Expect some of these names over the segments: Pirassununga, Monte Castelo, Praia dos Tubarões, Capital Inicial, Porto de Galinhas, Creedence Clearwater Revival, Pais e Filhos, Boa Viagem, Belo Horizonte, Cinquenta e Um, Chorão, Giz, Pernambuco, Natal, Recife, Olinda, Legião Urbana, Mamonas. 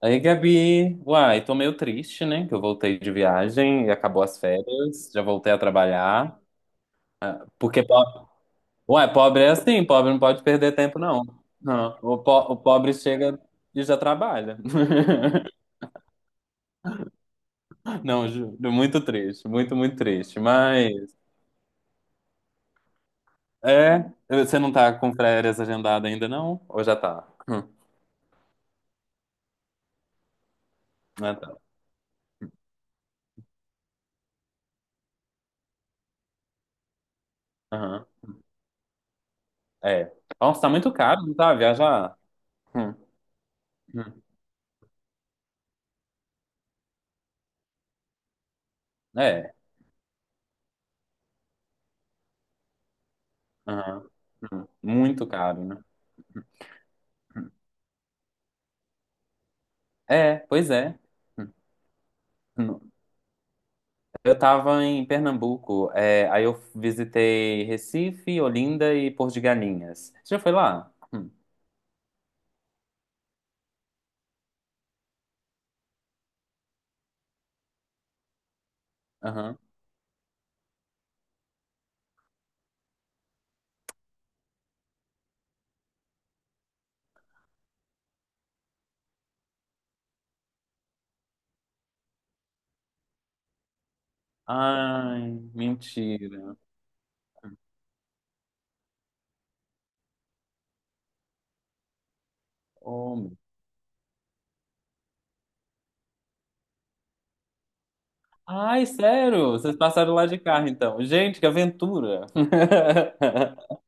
Aí, Gabi, uai, tô meio triste, né? Que eu voltei de viagem e acabou as férias, já voltei a trabalhar. Ah, uai, pobre é assim, pobre não pode perder tempo, não. Não, o pobre chega e já trabalha. Não, juro, muito triste, muito, muito triste. Mas, é, você não tá com férias agendada ainda, não? Ou já tá? Hum. Ah, tá. Aham. É. Nossa, tá muito caro, não tá? Viajar? Hum, hum. É. Aham. Muito caro, né? É, pois é. Hum, hum. Eu tava em Pernambuco, aí eu visitei Recife, Olinda e Porto de Galinhas. Você já foi lá? Hum. Aham. Ai, mentira. Oh, meu- Ai, sério? Vocês passaram lá de carro, então. Gente, que aventura!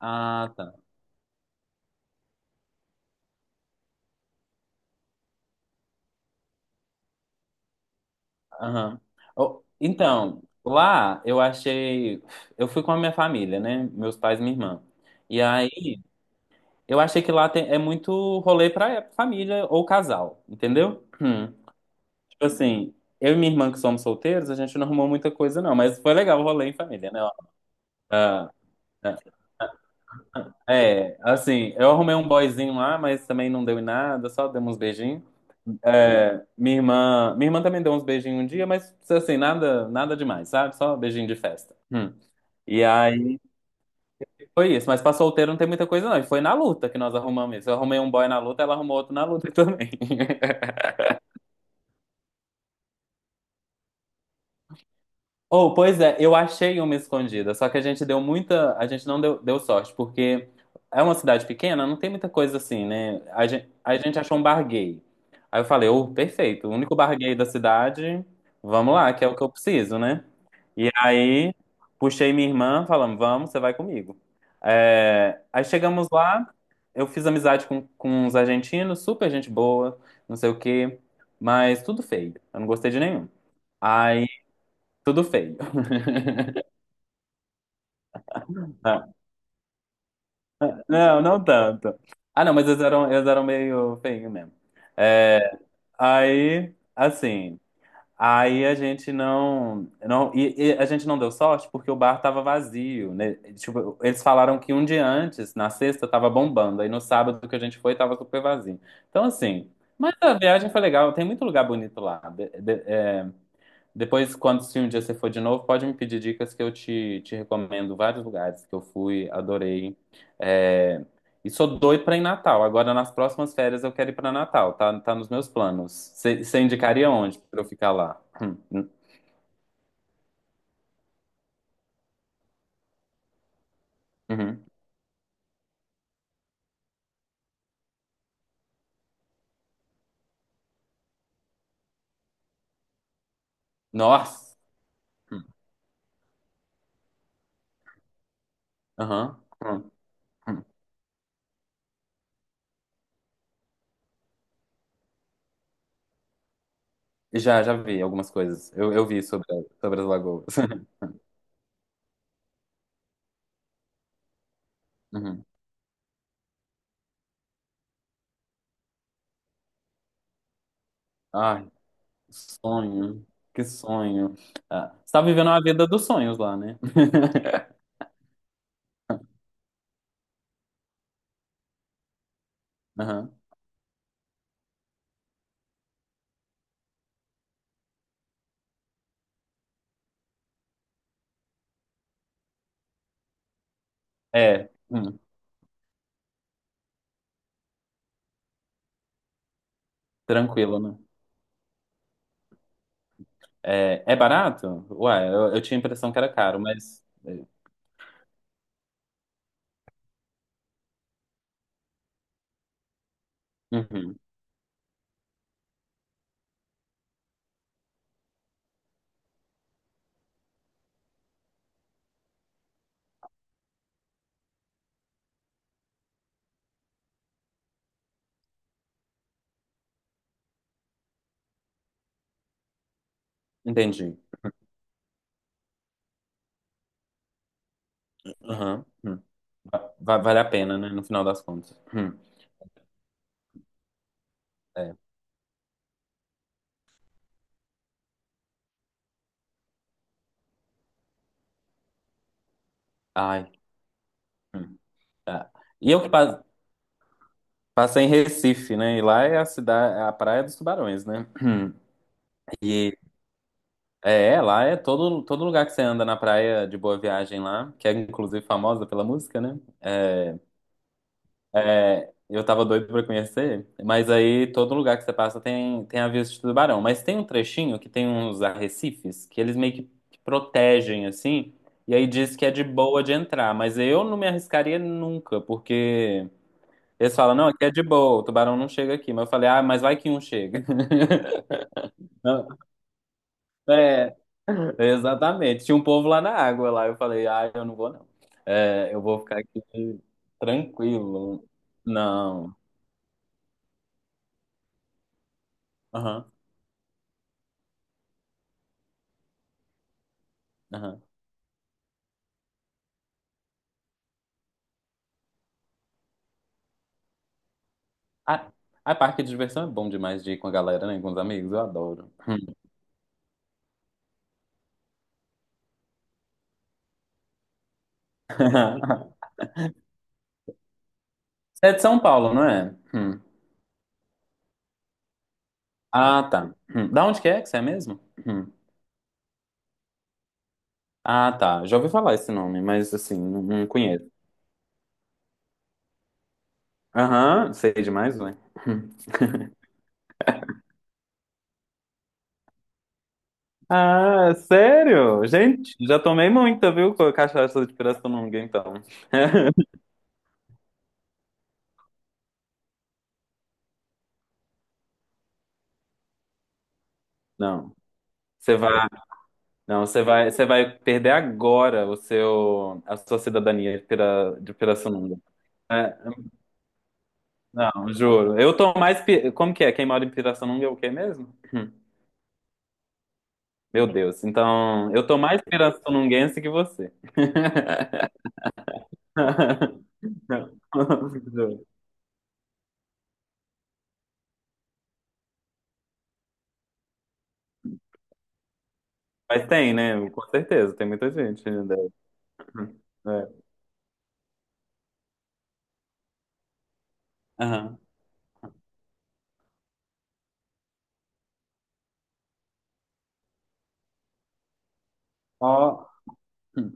Ah, tá. Aham. Oh, então, lá eu achei. Eu fui com a minha família, né? Meus pais e minha irmã. E aí eu achei que lá é muito rolê pra família ou casal, entendeu? Hum. Tipo assim, eu e minha irmã que somos solteiros, a gente não arrumou muita coisa não, mas foi legal o rolê em família, né? Ó. Ah, ah, assim, eu arrumei um boyzinho lá, mas também não deu em nada, só demos uns beijinhos. É, minha irmã também deu uns beijinhos um dia, mas assim, nada, nada demais, sabe? Só beijinho de festa. Hum. E aí foi isso, mas pra solteiro não tem muita coisa não, e foi na luta que nós arrumamos isso. Eu arrumei um boy na luta, ela arrumou outro na luta também. Oh, pois é, eu achei uma escondida, só que a gente deu muita, a gente não deu, deu sorte, porque é uma cidade pequena, não tem muita coisa assim, né? A gente achou um bar gay. Aí eu falei, oh, perfeito, o único bar gay da cidade, vamos lá, que é o que eu preciso, né? E aí puxei minha irmã, falando, vamos, você vai comigo. É, aí chegamos lá, eu fiz amizade com uns argentinos, super gente boa, não sei o quê, mas tudo feio, eu não gostei de nenhum. Aí, tudo feio. Não, não, não tanto. Ah, não, mas eles eram meio feinhos mesmo. É, aí, assim, aí a gente não e a gente não deu sorte porque o bar tava vazio, né? Tipo, eles falaram que um dia antes, na sexta, tava bombando, aí no sábado que a gente foi, tava super vazio. Então, assim, mas a viagem foi legal, tem muito lugar bonito lá. Depois, quando se um dia você for de novo, pode me pedir dicas que eu te recomendo vários lugares que eu fui, adorei. É, E sou doido pra ir em Natal. Agora, nas próximas férias, eu quero ir pra Natal. Tá, tá nos meus planos. Você indicaria onde pra eu ficar lá? Hum. Uhum. Nossa! Aham. Hum, hum. Já vi algumas coisas. Eu vi sobre as lagoas. Uhum. Ai, que sonho. Que sonho. Ah, você tá vivendo a vida dos sonhos lá, né? Aham. É. Hum. Tranquilo, né? É barato? Uai, eu tinha a impressão que era caro, mas. Uhum, entendi. Uhum, uhum. Vale a pena, né? No final das contas. É. Ai. Hum. E eu que passei em Recife, né? E lá é a cidade, a Praia dos Tubarões, né? Hum. E lá é todo lugar que você anda na praia de Boa Viagem lá, que é inclusive famosa pela música, né? É, eu tava doido pra conhecer, mas aí todo lugar que você passa tem aviso de tubarão. Mas tem um trechinho que tem uns arrecifes que eles meio que protegem, assim, e aí diz que é de boa de entrar. Mas eu não me arriscaria nunca, porque eles falam, não, aqui é de boa, o tubarão não chega aqui. Mas eu falei, ah, mas vai que um chega. Não. É, exatamente. Tinha um povo lá na água lá. Eu falei, ah, eu não vou não. É, eu vou ficar aqui tranquilo. Não. Aham, aham. Ah, a parque de diversão é bom demais de ir com a galera, né? Com os amigos, eu adoro. Hum. Você é de São Paulo, não é? Hum. Ah, tá. Hum. Da onde que é que você é mesmo? Hum. Ah, tá. Já ouvi falar esse nome, mas assim, não, não conheço. Aham, sei demais, né? Hum. Ah, sério? Gente, já tomei muita, viu? Com a cachaça de pirassununga, então. Não, você vai, não, você vai perder agora o seu, a sua cidadania de Pira, de Pirassununga. É, não, juro. Eu tô mais. Como que é? Quem mora em Pirassununga é o quê mesmo? Hum. Meu Deus. Então, eu tô mais pirassununguense que você. Não. Juro. Mas tem, né? Com certeza. Tem muita gente. Né? É. Aham. Ó. Hum.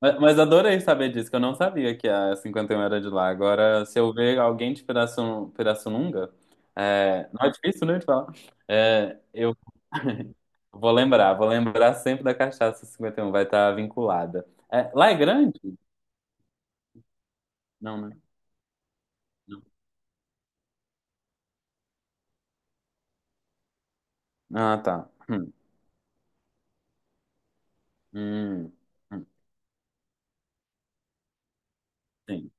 Mas adorei saber disso, que eu não sabia que a 51 era de lá. Agora, se eu ver alguém de Pirassununga, não é difícil, né, de falar. É, eu, Vou lembrar sempre da cachaça 51 vai estar vinculada. É, lá é grande? Não, né? Não. Ah, tá. Hum, hum. Sim.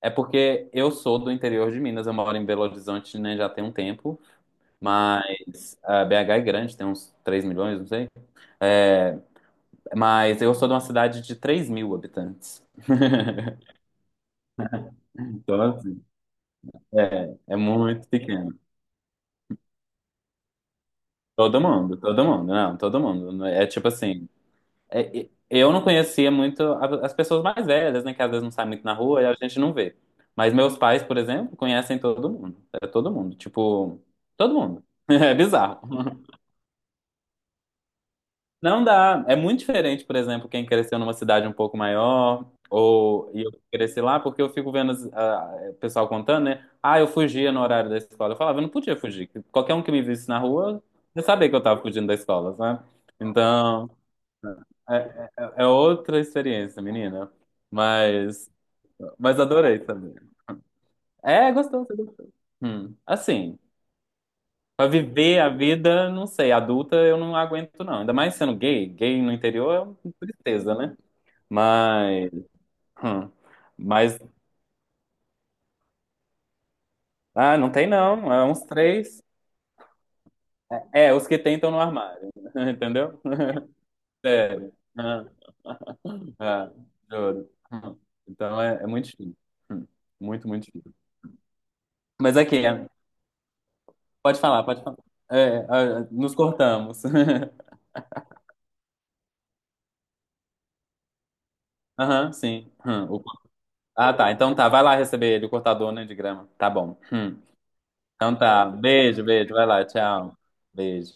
É porque eu sou do interior de Minas, eu moro em Belo Horizonte, né, já tem um tempo, mas a BH é grande, tem uns 3 milhões, não sei. É, mas eu sou de uma cidade de 3 mil habitantes. Então, assim, é muito pequeno. Todo mundo, não, todo mundo. É tipo assim, eu não conhecia muito as pessoas mais velhas, né? Que às vezes não saem muito na rua e a gente não vê. Mas meus pais, por exemplo, conhecem todo mundo. É todo mundo. Tipo, todo mundo. É bizarro. Não dá. É muito diferente, por exemplo, quem cresceu numa cidade um pouco maior, ou e eu cresci lá, porque eu fico vendo o pessoal contando, né? Ah, eu fugia no horário da escola. Eu falava, eu não podia fugir. Qualquer um que me visse na rua, eu sabia que eu tava fugindo da escola, sabe? Então. É, é- é outra experiência, menina. Mas, mas adorei também. É, gostou, você gostou. Hum. Assim, pra viver a vida, não sei, adulta eu não aguento, não. Ainda mais sendo gay. Gay no interior é uma tristeza, né? Mas, hum. Mas, ah, não tem não. É uns três. É, os que tem estão no armário. Entendeu? Sério. Ah, ah, juro. Hum. Então é muito difícil. Hum. Muito, muito difícil. Mas aqui, pode falar, pode falar. É, ah, nos cortamos. Aham, sim. Ah, tá. Então tá, vai lá receber ele, o cortador, né, de grama. Tá bom. Hum. Então tá. Beijo, beijo. Vai lá, tchau. Beijo.